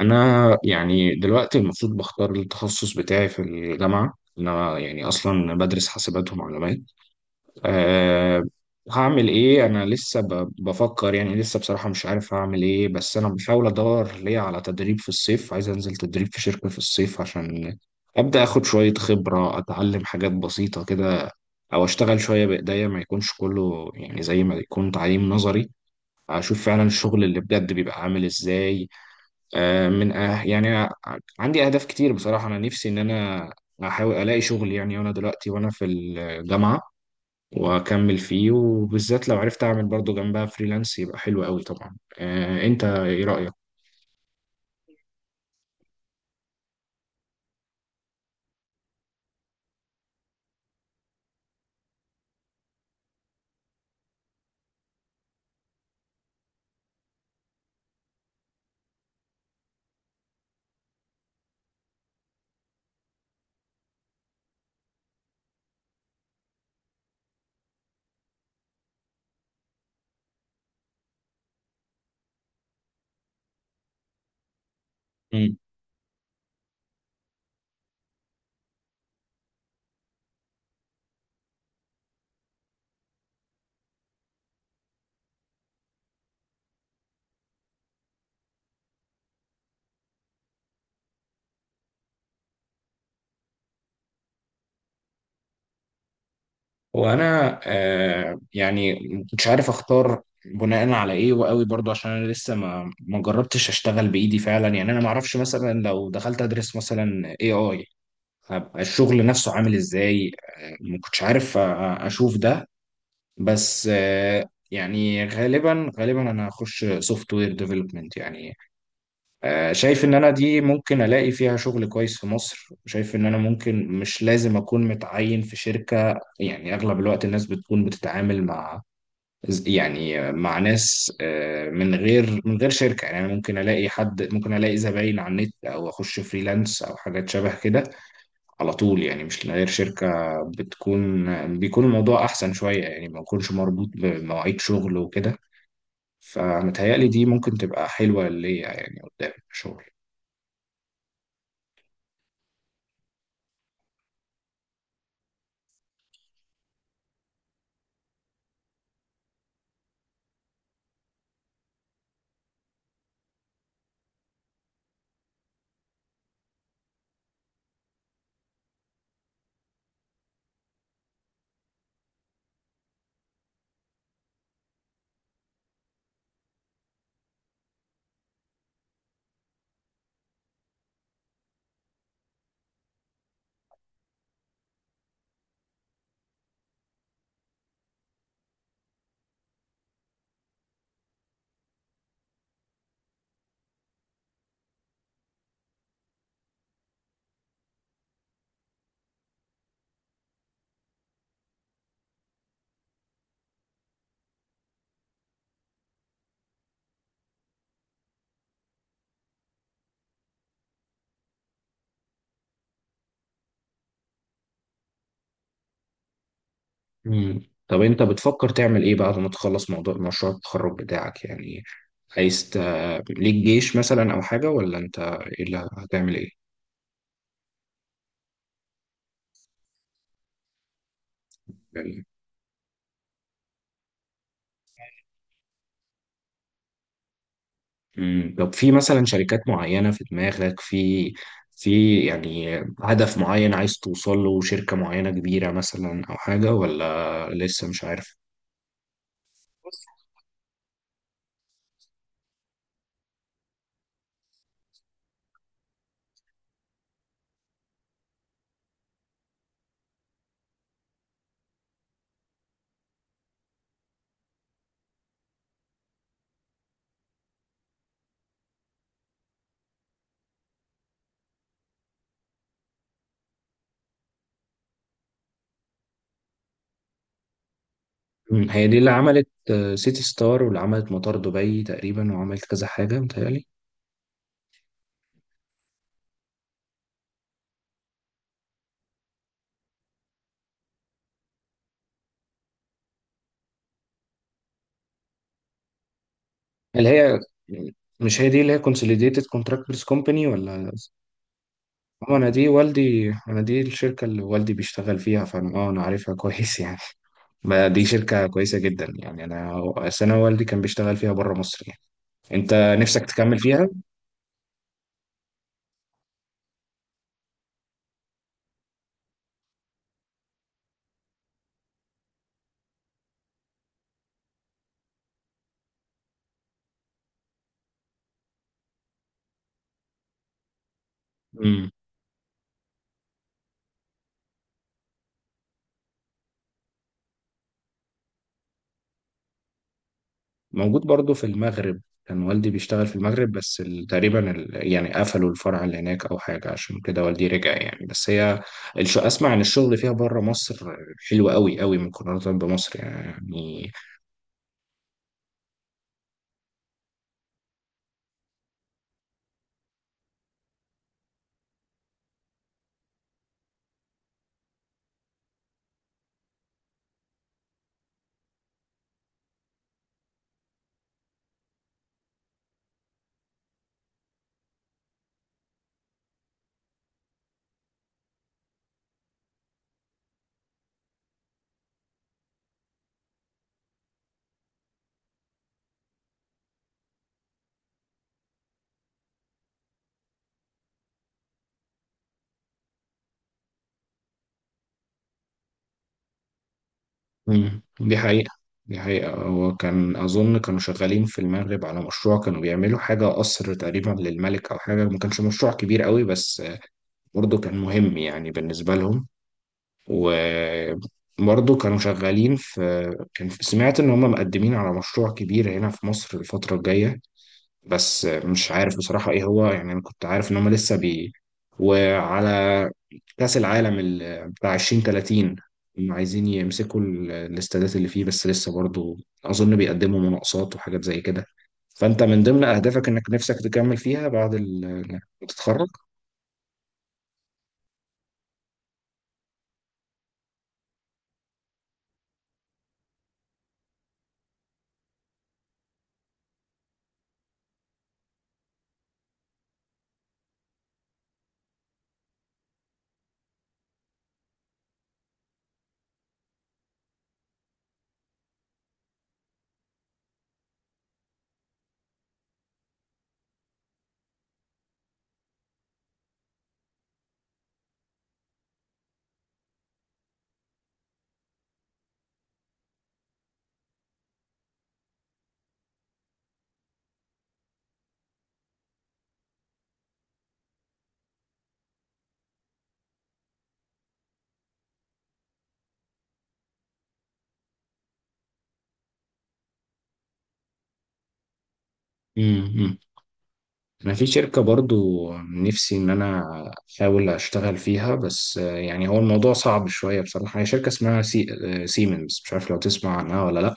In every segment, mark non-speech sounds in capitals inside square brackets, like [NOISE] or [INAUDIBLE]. انا يعني دلوقتي المفروض بختار التخصص بتاعي في الجامعه. انا يعني اصلا بدرس حاسبات ومعلومات. أه هعمل ايه؟ انا لسه بفكر، يعني لسه بصراحه مش عارف هعمل ايه. بس انا بحاول ادور ليه على تدريب في الصيف، عايز انزل تدريب في شركه في الصيف عشان ابدا اخد شويه خبره، اتعلم حاجات بسيطه كده او اشتغل شويه بايديا، ما يكونش كله يعني زي ما يكون تعليم نظري. اشوف فعلا الشغل اللي بجد بيبقى عامل ازاي. من يعني أنا عندي أهداف كتير بصراحة. أنا نفسي إن أنا أحاول ألاقي شغل يعني، وأنا دلوقتي وأنا في الجامعة وأكمل فيه، وبالذات لو عرفت أعمل برضو جنبها فريلانس يبقى حلو قوي. طبعا، أنت إيه رأيك؟ مم. وأنا يعني مش عارف أختار بناء على إيه وقوي برضو، عشان أنا لسه ما جربتش أشتغل بإيدي فعلا. يعني أنا ما أعرفش مثلا لو دخلت أدرس مثلا AI هبقى الشغل نفسه عامل إزاي. ما كنتش عارف اشوف ده. بس يعني غالبا غالبا انا هخش سوفت وير ديفلوبمنت يعني. شايف ان انا دي ممكن الاقي فيها شغل كويس في مصر. شايف ان انا ممكن مش لازم اكون متعين في شركة، يعني اغلب الوقت الناس بتكون بتتعامل مع، يعني مع ناس من غير شركة. يعني أنا ممكن الاقي حد، ممكن الاقي زباين على النت او اخش فريلانس او حاجات شبه كده على طول، يعني مش من غير شركة بتكون بيكون الموضوع أحسن شوية، يعني ما يكونش مربوط بمواعيد شغل وكده. فمتهيألي دي ممكن تبقى حلوة ليا يعني قدام الشغل. مم. طب أنت بتفكر تعمل إيه بعد ما تخلص موضوع مشروع التخرج بتاعك؟ يعني عايز ت... ليك جيش مثلا أو حاجة، ولا أنت إيه اللي هتعمل إيه؟ مم. طب في مثلا شركات معينة في دماغك، في يعني هدف معين عايز توصل له، شركة معينة كبيرة مثلا أو حاجة، ولا لسه مش عارف؟ بص. مم. هي دي اللي عملت سيتي ستار واللي عملت مطار دبي تقريبا وعملت كذا حاجة، متهيألي. اللي هي، مش هي دي اللي هي كونسوليديتد كونتراكتورز كومباني ولا؟ هو انا دي والدي، انا دي الشركة اللي والدي بيشتغل فيها، فانا انا عارفها كويس [LAUGHS] يعني. ما دي شركة كويسة جدا، يعني انا أصل انا والدي كان بيشتغل فيها بره مصر يعني. انت نفسك تكمل فيها؟ امم. موجود برضو في المغرب. كان والدي بيشتغل في المغرب، بس تقريبا يعني قفلوا الفرع اللي هناك او حاجة، عشان كده والدي رجع يعني. بس هي اسمع ان الشغل فيها بره مصر حلو قوي قوي مقارنة بمصر يعني. مم. دي حقيقة. دي حقيقة. هو كان أظن كانوا شغالين في المغرب على مشروع، كانوا بيعملوا حاجة قصر تقريبا للملك أو حاجة، ما كانش مشروع كبير قوي بس برضه كان مهم يعني بالنسبة لهم. وبرضه كانوا شغالين في، كان سمعت إن هم مقدمين على مشروع كبير هنا في مصر الفترة الجاية. بس مش عارف بصراحة إيه هو. يعني أنا كنت عارف إن هم لسه وعلى كأس العالم بتاع 2030 هم عايزين يمسكوا الاستادات اللي فيه، بس لسه برضو أظن بيقدموا مناقصات وحاجات زي كده. فأنت من ضمن أهدافك إنك نفسك تكمل فيها بعد إنك تتخرج؟ امم. أنا في شركة برضو نفسي إن أنا أحاول أشتغل فيها، بس يعني هو الموضوع صعب شوية بصراحة. هي شركة اسمها سيمنز، مش عارف لو تسمع عنها ولا لأ،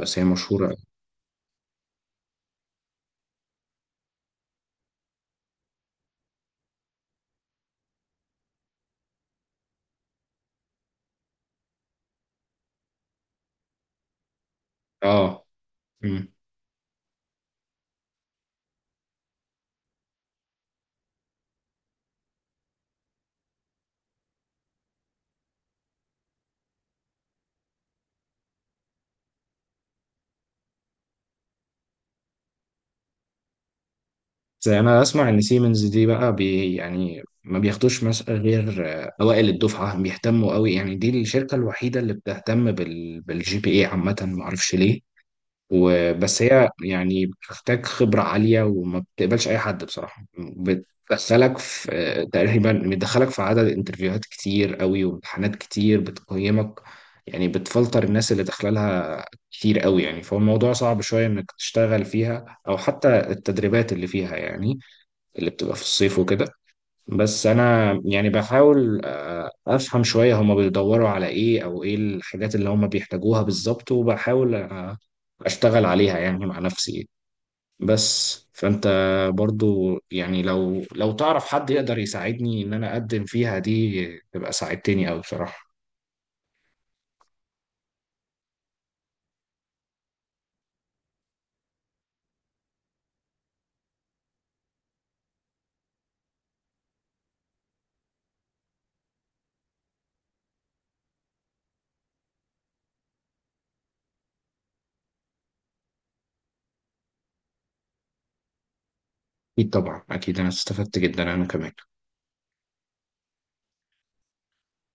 بس هي مشهورة. آه زي انا اسمع ان سيمنز دي بقى بي، يعني ما بياخدوش مثلا غير اوائل الدفعه. بيهتموا قوي، يعني دي الشركه الوحيده اللي بتهتم بالجي بي اي عامه، ما اعرفش ليه. وبس هي يعني بتحتاج خبره عاليه وما بتقبلش اي حد بصراحه، بتدخلك في آه، تقريبا بتدخلك في عدد انترفيوهات كتير قوي وامتحانات كتير بتقيمك، يعني بتفلتر الناس اللي داخله لها كتير قوي يعني. فهو الموضوع صعب شويه انك تشتغل فيها او حتى التدريبات اللي فيها، يعني اللي بتبقى في الصيف وكده. بس انا يعني بحاول افهم شوية هما بيدوروا على ايه او ايه الحاجات اللي هما بيحتاجوها بالظبط، وبحاول اشتغل عليها يعني مع نفسي. بس فانت برضو يعني، لو تعرف حد يقدر يساعدني ان انا اقدم فيها دي، تبقى ساعدتني اوي بصراحة. اكيد طبعا، اكيد انا استفدت جدا انا كمان.